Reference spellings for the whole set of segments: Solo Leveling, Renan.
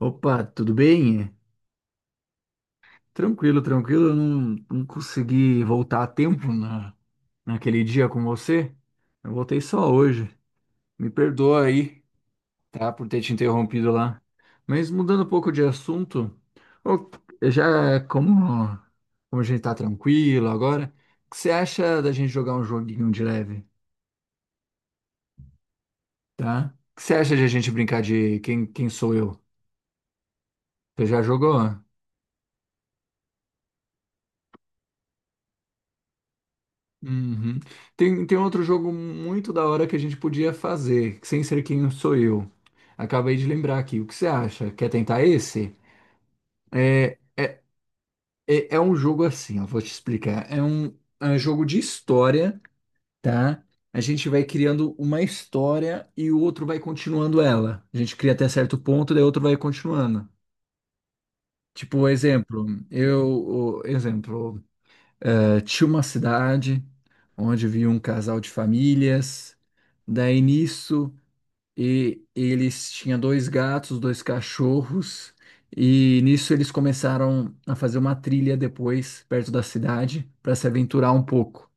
Opa, tudo bem? Tranquilo, tranquilo. Eu não consegui voltar a tempo naquele dia com você. Eu voltei só hoje. Me perdoa aí, tá? Por ter te interrompido lá. Mas mudando um pouco de assunto, ô, já como, como a gente tá tranquilo agora, o que você acha da gente jogar um joguinho de leve, tá? O que você acha de a gente brincar de quem sou eu? Você já jogou? Uhum. Tem outro jogo muito da hora que a gente podia fazer, sem ser quem sou eu. Acabei de lembrar aqui. O que você acha? Quer tentar esse? É, é, é um jogo assim, eu vou te explicar. É um jogo de história, tá? A gente vai criando uma história e o outro vai continuando ela. A gente cria até certo ponto, daí o outro vai continuando. Tipo, exemplo, exemplo, tinha uma cidade onde vivia um casal de famílias. Daí nisso, e eles tinham dois gatos, dois cachorros, e nisso eles começaram a fazer uma trilha depois, perto da cidade, para se aventurar um pouco.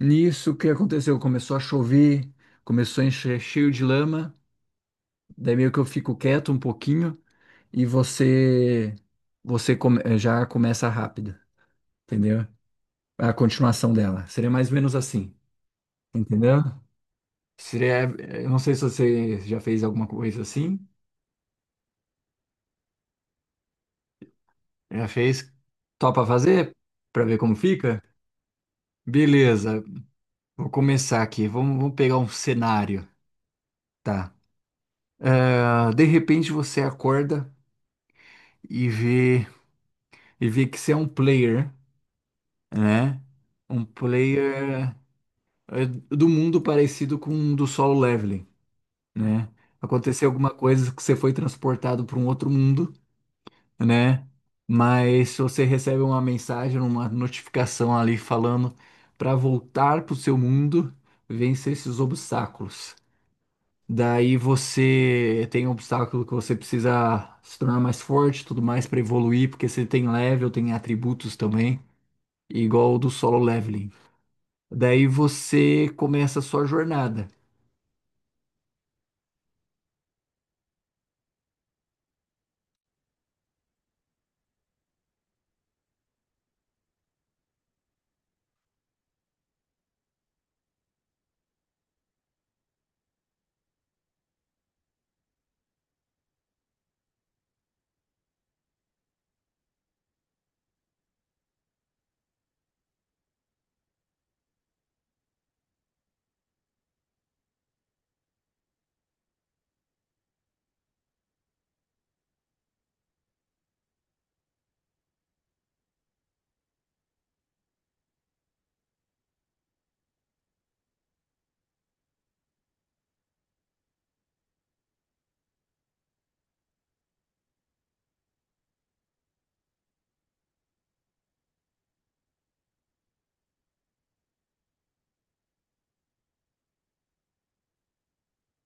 Nisso, o que aconteceu? Começou a chover, começou a encher cheio de lama. Daí meio que eu fico quieto um pouquinho e você já começa rápido, entendeu? A continuação dela. Seria mais ou menos assim. Entendeu? Seria, eu não sei se você já fez alguma coisa assim. Já fez? Topa fazer para ver como fica? Beleza, vou começar aqui. Vamos pegar um cenário, tá? Ah, de repente você acorda e vê e vê que você é um player, né? Um player do mundo parecido com um do Solo Leveling, né? Aconteceu alguma coisa que você foi transportado para um outro mundo, né? Mas se você recebe uma mensagem, uma notificação ali falando para voltar para o seu mundo, vencer esses obstáculos. Daí você tem um obstáculo que você precisa se tornar mais forte, tudo mais para evoluir, porque você tem level, tem atributos também, igual o do Solo Leveling. Daí você começa a sua jornada.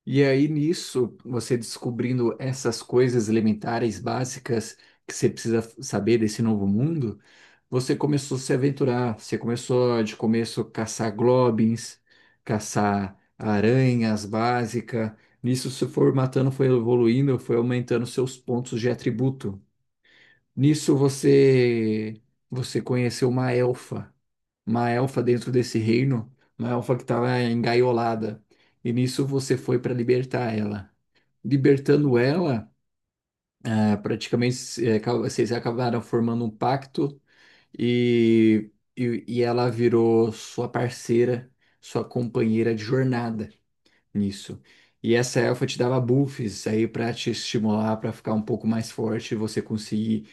E aí, nisso, você descobrindo essas coisas elementares, básicas, que você precisa saber desse novo mundo, você começou a se aventurar. Você começou, de começo, caçar globins, caçar aranhas básicas. Nisso, você foi matando, foi evoluindo, foi aumentando seus pontos de atributo. Nisso, você conheceu uma elfa. Uma elfa dentro desse reino, uma elfa que estava engaiolada. E nisso, você foi para libertar ela, libertando ela, ah, praticamente vocês acabaram formando um pacto e, e ela virou sua parceira, sua companheira de jornada nisso. E essa elfa te dava buffs aí para te estimular, para ficar um pouco mais forte, e você conseguir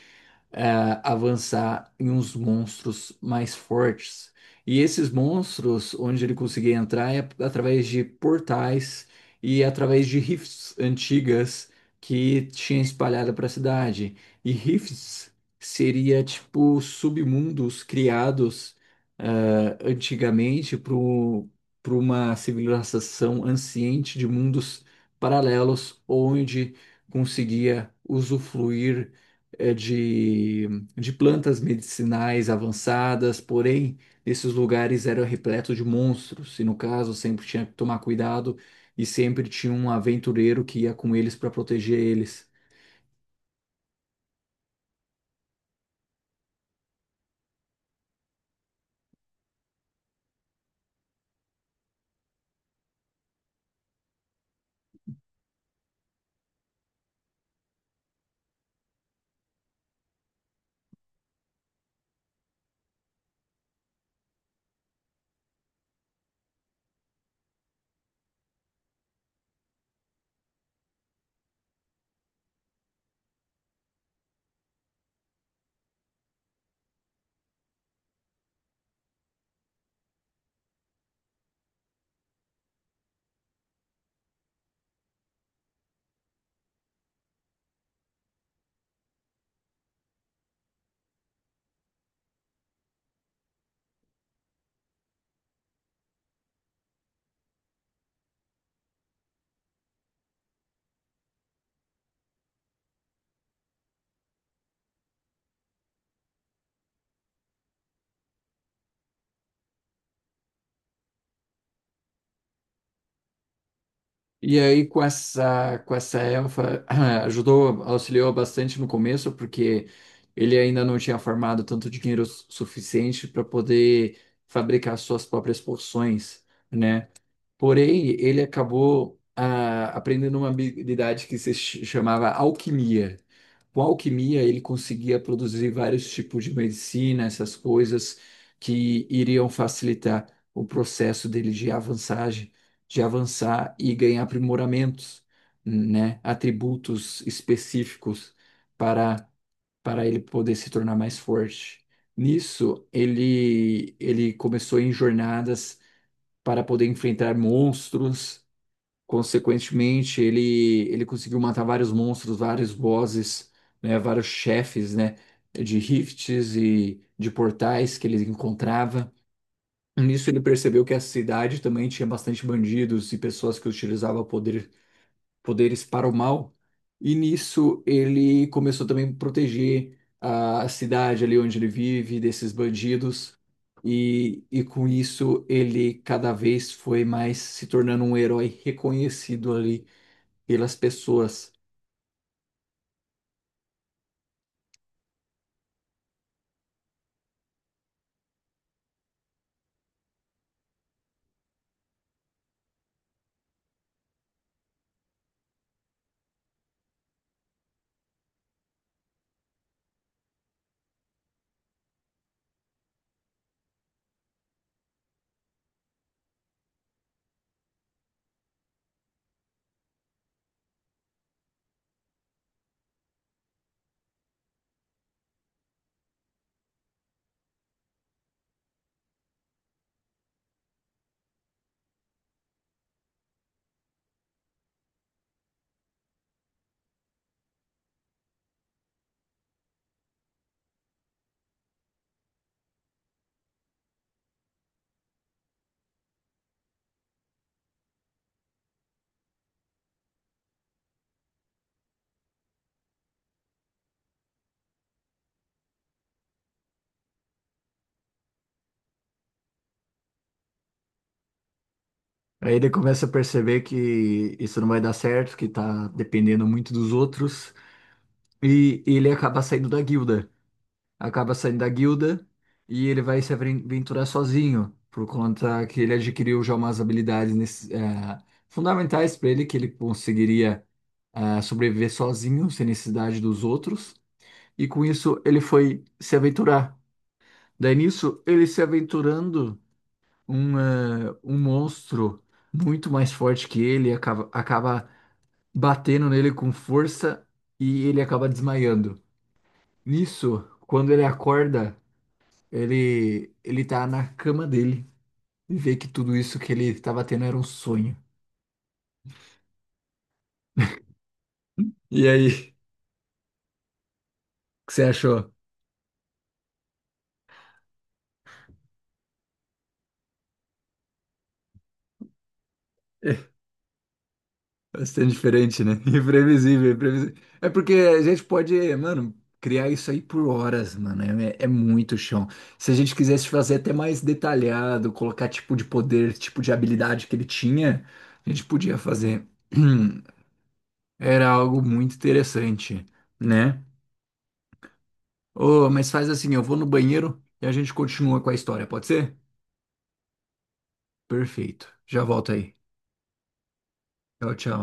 eh, avançar em uns monstros mais fortes. E esses monstros, onde ele conseguia entrar, é através de portais e através de rifts antigas que tinha espalhada para a cidade. E rifts seria tipo submundos criados antigamente para uma civilização anciente de mundos paralelos, onde conseguia usufruir eh, de, de plantas medicinais avançadas, porém, esses lugares eram repletos de monstros, e no caso, sempre tinha que tomar cuidado e sempre tinha um aventureiro que ia com eles para proteger eles. E aí, com essa elfa, ajudou, auxiliou bastante no começo, porque ele ainda não tinha farmado tanto dinheiro suficiente para poder fabricar suas próprias poções, né? Porém, ele acabou ah, aprendendo uma habilidade que se chamava alquimia. Com alquimia, ele conseguia produzir vários tipos de medicina, essas coisas que iriam facilitar o processo dele de avançagem, de avançar e ganhar aprimoramentos, né? Atributos específicos para, para ele poder se tornar mais forte. Nisso, ele começou em jornadas para poder enfrentar monstros. Consequentemente, ele conseguiu matar vários monstros, vários bosses, né, vários chefes, né, de rifts e de portais que ele encontrava. Nisso ele percebeu que a cidade também tinha bastante bandidos e pessoas que utilizavam o poder poderes para o mal. E nisso ele começou também a proteger a cidade ali onde ele vive desses bandidos. E com isso ele cada vez foi mais se tornando um herói reconhecido ali pelas pessoas. Aí ele começa a perceber que isso não vai dar certo, que tá dependendo muito dos outros, e ele acaba saindo da guilda. Acaba saindo da guilda e ele vai se aventurar sozinho, por conta que ele adquiriu já umas habilidades fundamentais para ele, que ele conseguiria sobreviver sozinho, sem necessidade dos outros, e com isso ele foi se aventurar. Daí nisso, ele se aventurando, um monstro muito mais forte que ele acaba batendo nele com força e ele acaba desmaiando. Nisso, quando ele acorda, ele tá na cama dele e vê que tudo isso que ele tava tendo era um sonho. E aí, o que você achou? É bastante diferente, né? Imprevisível, imprevisível. É porque a gente pode, mano, criar isso aí por horas, mano. É, é muito chão. Se a gente quisesse fazer até mais detalhado, colocar tipo de poder, tipo de habilidade que ele tinha, a gente podia fazer. Era algo muito interessante, né? Ô, mas faz assim, eu vou no banheiro e a gente continua com a história, pode ser? Perfeito. Já volto aí. Tchau, tchau.